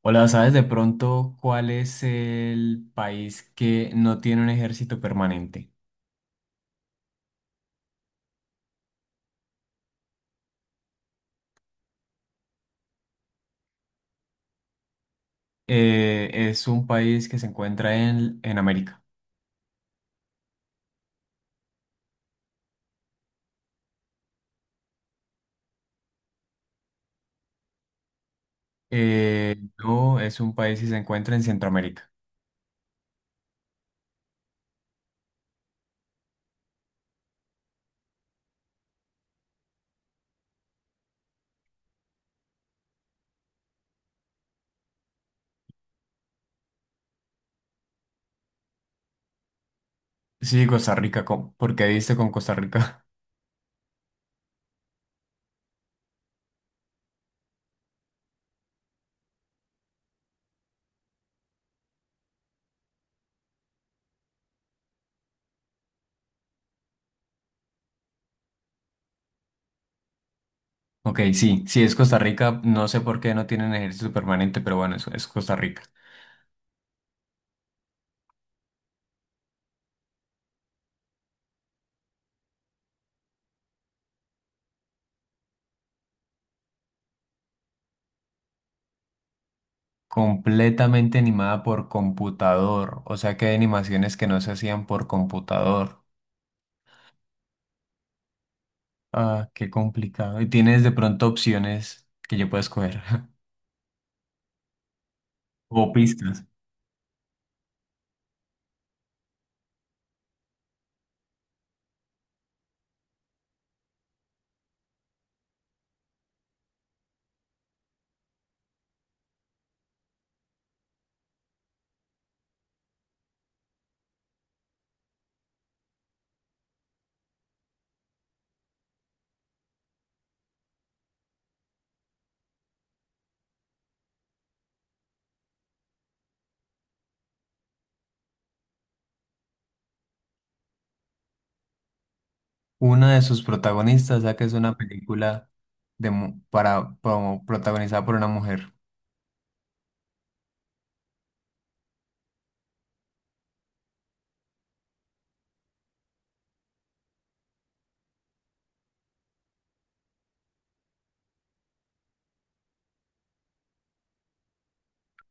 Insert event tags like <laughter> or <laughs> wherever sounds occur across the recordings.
Hola, ¿sabes de pronto cuál es el país que no tiene un ejército permanente? Es un país que se encuentra en América. No, es un país que se encuentra en Centroamérica. Sí, Costa Rica, ¿cómo? ¿Por qué diste con Costa Rica? <laughs> Ok, sí, sí, es Costa Rica. No sé por qué no tienen ejército permanente, pero bueno, eso es Costa Rica. Completamente animada por computador, o sea que hay animaciones que no se hacían por computador. Ah, qué complicado. Y tienes de pronto opciones que yo pueda escoger <laughs> o pistas. Una de sus protagonistas, ya que es una película para, como protagonizada por una mujer.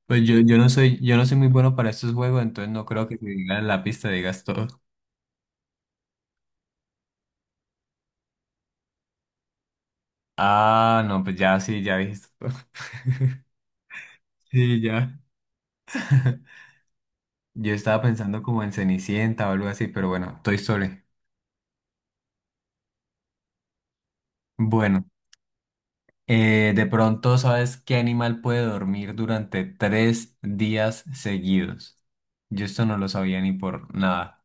Pues yo yo no soy muy bueno para estos juegos, entonces no creo que te digan la pista, digas todo. Ah, no, pues ya sí, ya dijiste todo. <laughs> Sí, ya. <laughs> Yo estaba pensando como en Cenicienta o algo así, pero bueno, Toy Story. Bueno. De pronto, ¿sabes qué animal puede dormir durante 3 días seguidos? Yo esto no lo sabía ni por nada.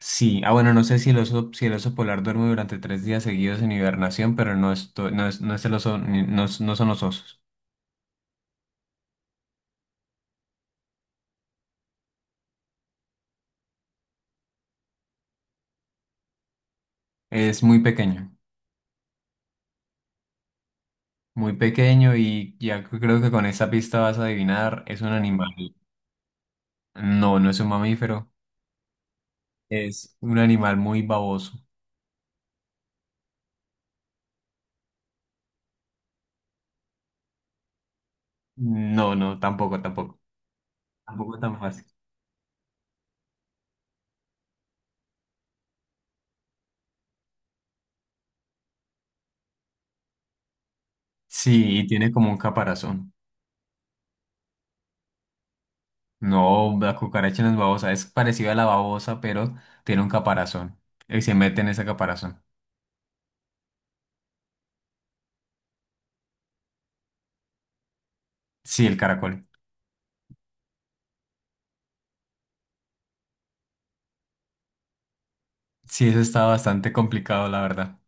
Sí, ah bueno, no sé si el oso polar duerme durante 3 días seguidos en hibernación, pero no, no es el oso, no son los osos. Es muy pequeño y ya creo que con esta pista vas a adivinar, es un animal. No, no es un mamífero, es un animal muy baboso. No, no, tampoco, tampoco. Tampoco tan fácil. Sí, y tiene como un caparazón. No, la cucaracha no es babosa, es parecida a la babosa, pero tiene un caparazón. Y se mete en ese caparazón. Sí, el caracol. Sí, eso está bastante complicado, la verdad.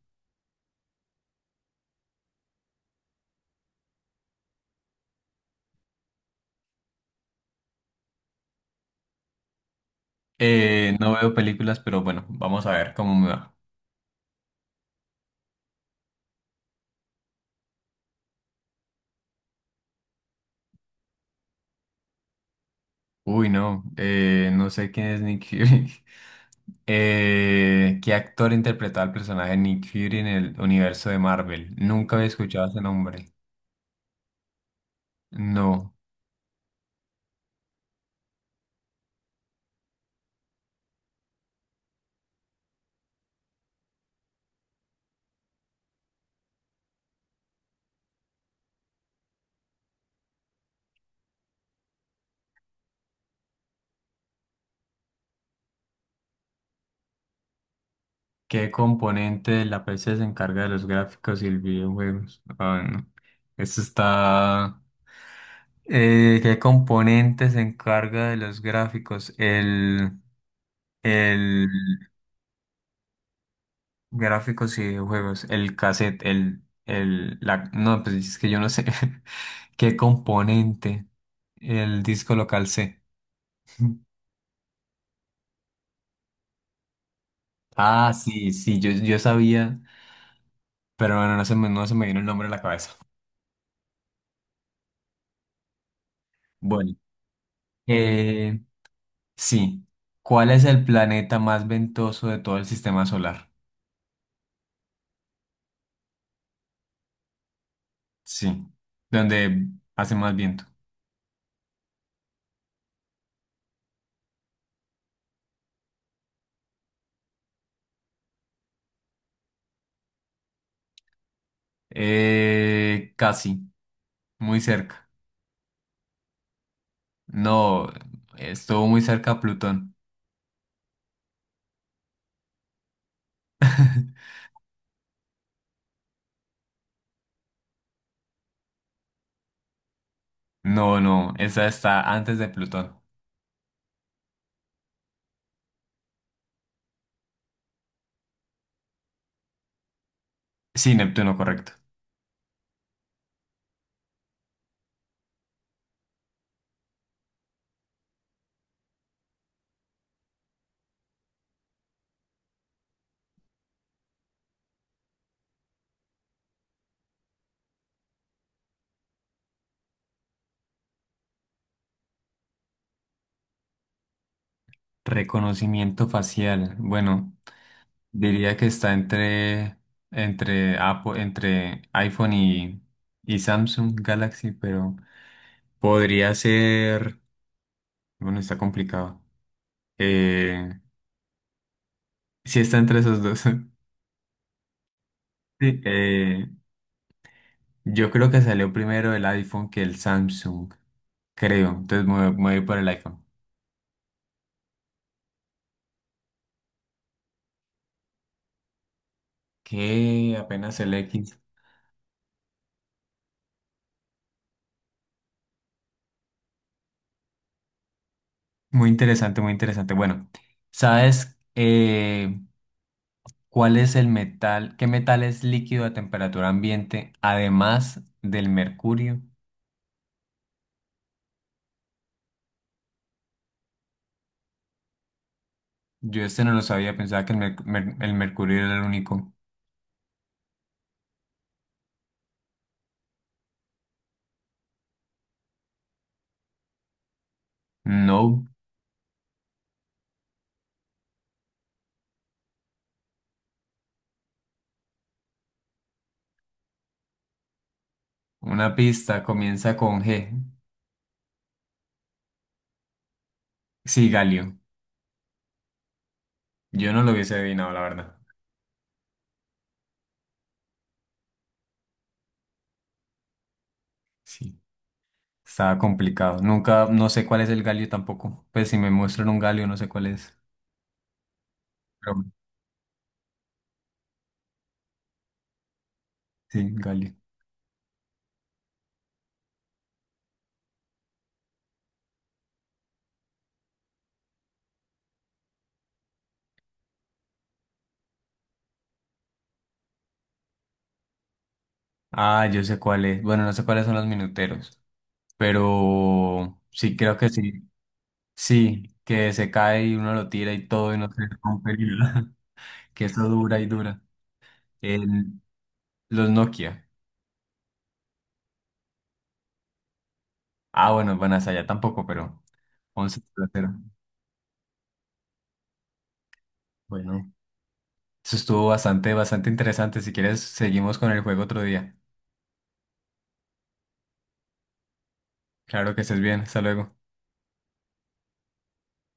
No veo películas, pero bueno, vamos a ver cómo me va. Uy, no, no sé quién es Nick Fury. <laughs> ¿Qué actor interpretaba al personaje Nick Fury en el universo de Marvel? Nunca había escuchado ese nombre. No. ¿Qué componente de la PC se encarga de los gráficos y el videojuegos? Ah, no. Eso está. ¿Qué componente se encarga de los gráficos? El gráficos y videojuegos, el cassette, la, no, pues es que yo no sé. <laughs> ¿Qué componente? El disco local C. <laughs> Ah, sí, sí, yo sabía, pero bueno, no se me vino el nombre a la cabeza. Bueno. eh, Sí. ¿Cuál es el planeta más ventoso de todo el sistema solar? Sí. Donde hace más viento. Casi. Muy cerca. No, estuvo muy cerca a Plutón. <laughs> No, no, esa está antes de Plutón. Sí, Neptuno, correcto. Reconocimiento facial. Bueno, diría que está entre Apple, entre iPhone y Samsung Galaxy, pero podría ser. Bueno, está complicado. Eh, sí está entre esos dos. <laughs> Sí, yo creo que salió primero el iPhone que el Samsung, creo. Entonces me voy por el iPhone. Que apenas el X. Muy interesante, muy interesante. Bueno, ¿sabes cuál es el metal? ¿Qué metal es líquido a temperatura ambiente además del mercurio? Yo este no lo sabía, pensaba que el mercurio era el único. No, una pista comienza con G. Sí, galio. Yo no lo hubiese adivinado, la verdad. Sí, estaba complicado. Nunca, no sé cuál es el galio tampoco. Pues si me muestran un galio, no sé cuál es. Pero sí, galio. Ah, yo sé cuál es. Bueno, no sé cuáles son los minuteros, pero sí, creo que sí. Sí, que se cae y uno lo tira y todo y no se rompe, ni nada. <laughs> Que eso dura y dura. El- los Nokia. Ah, bueno, bueno, hasta allá tampoco, pero once platero. Bueno, eso estuvo bastante, bastante interesante. Si quieres, seguimos con el juego otro día. Claro que estés bien. Hasta luego.